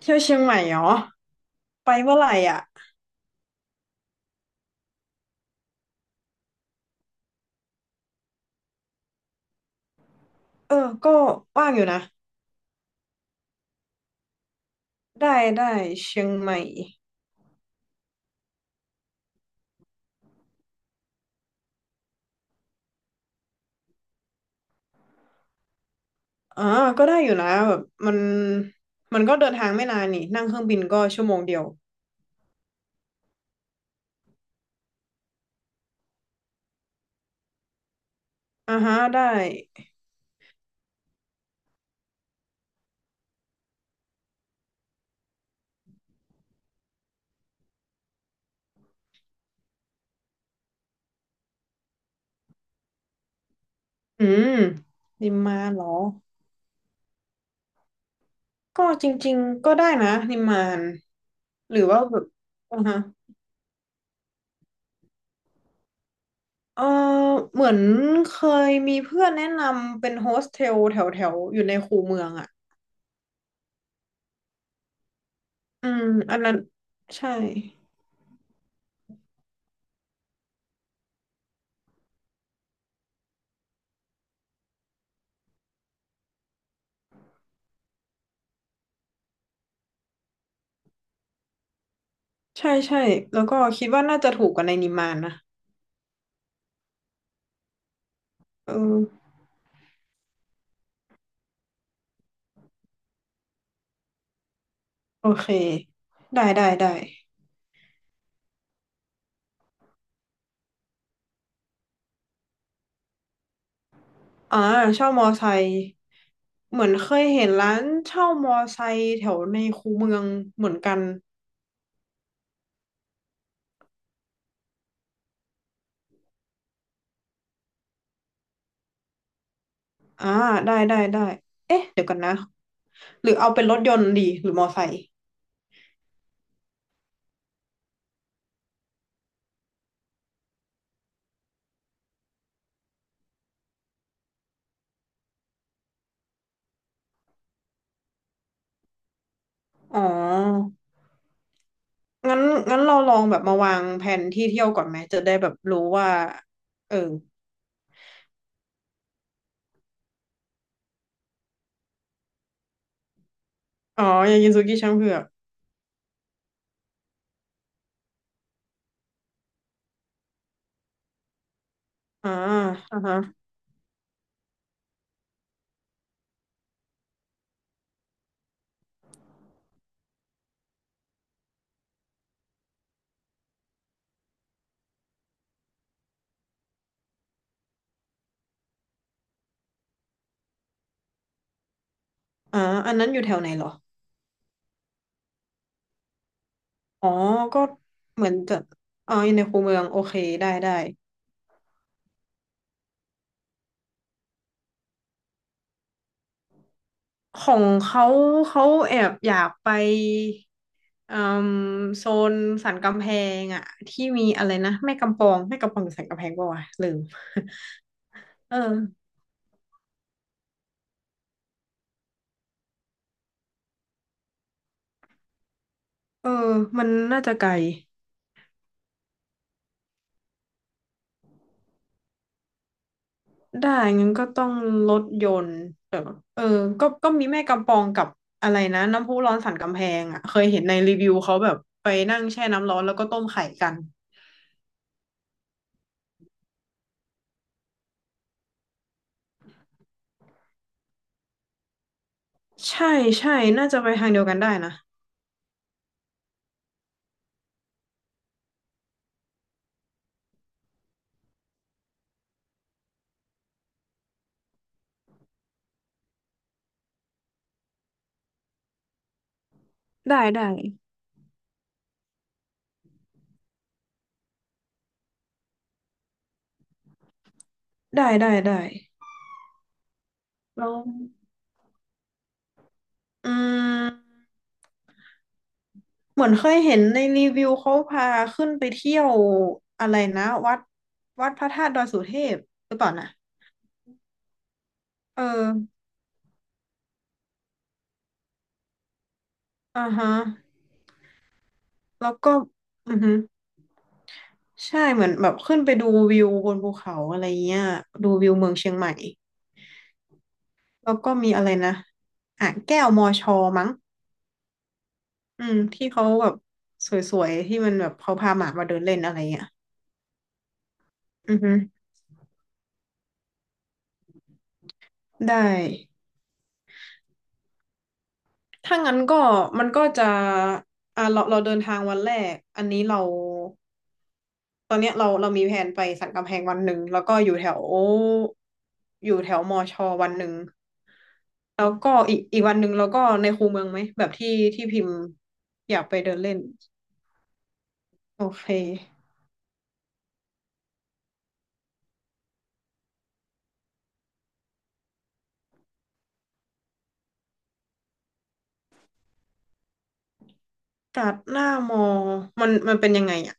เที่ยวเชียงใหม่เหรอไปเมื่อไหร่อ่ะเออก็ว่างอยู่นะได้ได้เชียงใหม่อ่าก็ได้อยู่นะแบบมันมันก็เดินทางไม่นานนี่นั่งเครื่องบินก็ชั่วโมงเดียวอ่าฮะได้อืมนิมมานเหรอก็จริงๆก็ได้นะนิมมานหรือว่าแบบอ่าฮะเออเหมือนเคยมีเพื่อนแนะนำเป็นโฮสเทลแถวแถวอยู่ในคูเมืองอ่ะอืมอันนั้นใช่ ใช่ใช่แล้วก็คิดว่าน่าจะถูกกว่าในนิมมานนะเออโอเคได้ได้ได้อ่าเช่ามอไซค์เหมือนเคยเห็นร้านเช่ามอไซค์แถวในคูเมืองเหมือนกันอ่าได้ได้ได้เอ๊ะเดี๋ยวกันนะหรือเอาเป็นรถยนต์ดีหรือมอไซค์อ๋องั้นงั้นเราลองแบบมาวางแผนที่เที่ยวก่อนไหมจะได้แบบรู้ว่าเอออ๋อยากินซูกิช้างเผือกอ่าอ่าฮะอ่าอันนั้นอยู่แถวไหนเหรอ อ๋อก็เหมือนจะอ๋ออยู่ในคูเมืองโอเคได้ได้ของเขาเขาแอบอยากไปเอ่มโซนสันกำแพงอะที่มีอะไรนะแม่กำปองแม่กำปองหรือสันกำแพงป่าวะลืม เออเออมันน่าจะไกลได้งั้นก็ต้องรถยนต์แบบเออก็มีแม่กำปองกับอะไรนะน้ำพุร้อนสันกำแพงอะเคยเห็นในรีวิวเขาแบบไปนั่งแช่น้ำร้อนแล้วก็ต้มไข่กันใช่ใช่น่าจะไปทางเดียวกันได้นะ ได้ได้ได้ได้ได้แล้วอืมเหมือนเคยเห็นในรีวิวเขาพาขึ้นไปเที่ยวอะไรนะวัดพระธาตุดอยสุเทพหรือเปล่านะเอออ่าฮะแล้วก็อือฮึใช่เหมือนแบบขึ้นไปดูวิวบนภูเขาอะไรเงี้ยดูวิวเมืองเชียงใหม่แล้วก็มีอะไรนะอ่างแก้วมอชอมั้งอืมที่เขาแบบสวยๆที่มันแบบเขาพาหมามาเดินเล่นอะไรเงี้ยอือฮึได้ ถ้างั้นก็มันก็จะอ่าเราเดินทางวันแรกอันนี้เราตอนเนี้ยเรามีแผนไปสันกำแพงวันหนึ่งแล้วก็อยู่แถวอยู่แถวมอชอวันหนึ่งแล้วก็อีกวันหนึ่งเราก็ในคูเมืองไหมแบบที่ที่พิมพ์อยากไปเดินเล่นโอเคตัดหน้ามอมันมันเป็นยังไงอ่ะ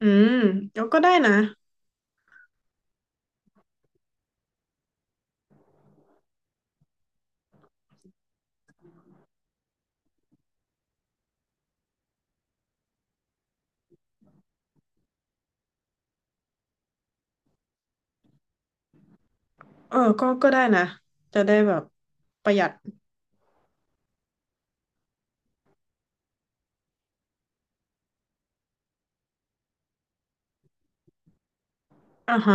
อืมก็ได้นะเออก็ได้นะจะได้แบบประหยัดอ่าฮะ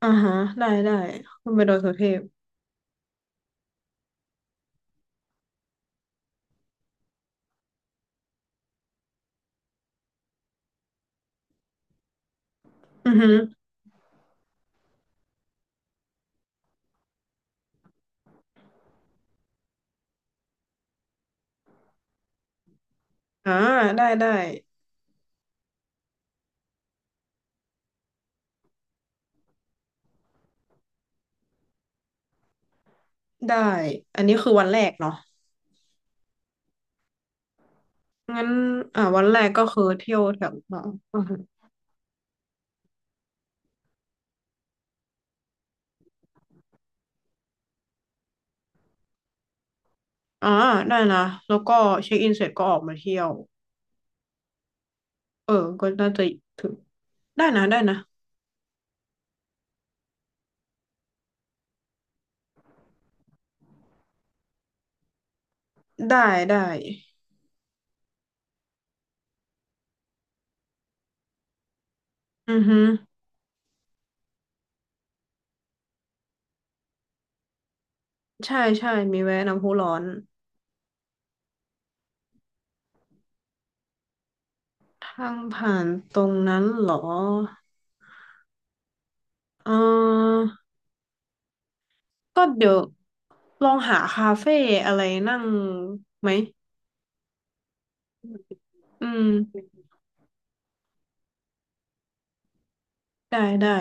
อ่าฮะได้ได้คุณไปดอยสุเทพอือฮึ อ่าได้ได้ได้อันนี้คือวันแรกเนาะงั้นอ่าวันแรกก็คือเที่ยวแถวเนาะออฮึอ่าได้นะแล้วก็เช็คอินเสร็จก็ออกมาเที่ยวเออก็น่าจะถึงได้นะได้นะได้ได้อือฮึใช่ใช่มีแวะน้ำพุร้อนทางผ่านตรงนั้นเหรอเออก็เดี๋ยวลองหาคาเฟ่อะไรนั่งไหมอืมได้ได้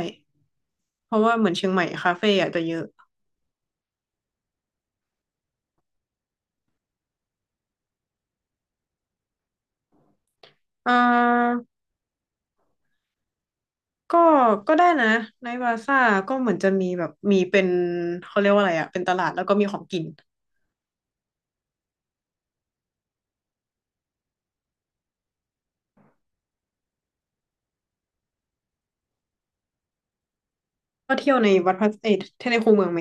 เพราะว่าเหมือนเชียงใหม่คาเฟ่อาจจะเยอะ อ่าก็ก็ได้นะในบาซ่าก็เหมือนจะมีแบบมีเป็นเขาเรียกว่าอะไรอะเป็นตลาดแล้วก็มีของกินก็เที่ยวในวัดพระเอยเที่ยวในคูเมืองไหม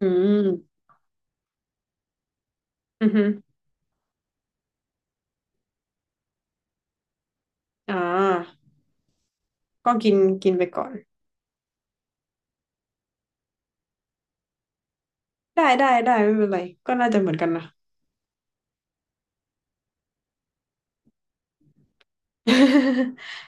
อืมอือฮึอ่าก็กินกินไปก่อนได้ได้ได้ไม่เป็นไรก็น่าจะเหมือนกันนะ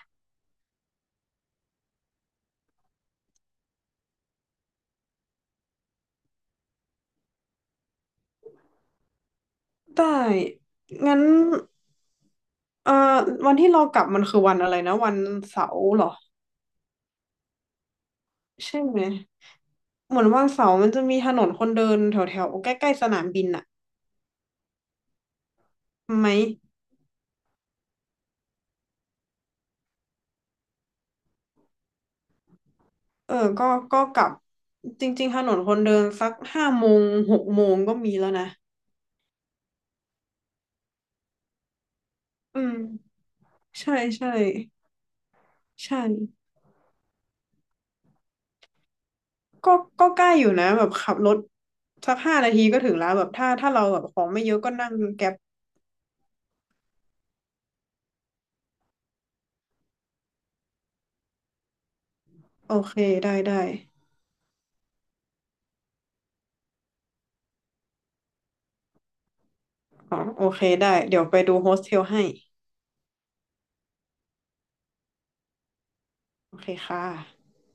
ได้งั้นเอ่อวันที่เรากลับมันคือวันอะไรนะวันเสาร์เหรอใช่ไหมเหมือนวันเสาร์มันจะมีถนนคนเดินแถวแถวใกล้ๆสนามบินอะไหม เออก็ก็กลับจริงๆถนนคนเดินสัก5 โมง6 โมงก็มีแล้วนะอืมใช่ใช่ใช่ก็ก็ใกล้อยู่นะแบบขับรถสัก5 นาทีก็ถึงแล้วแบบถ้าเราแบบของไม่เยอะก็นั่งแก๊ปโอเคได้ได้อ๋อโอเคได้เดี๋ยวไปดูโฮสเทลให้โอเคค่ะ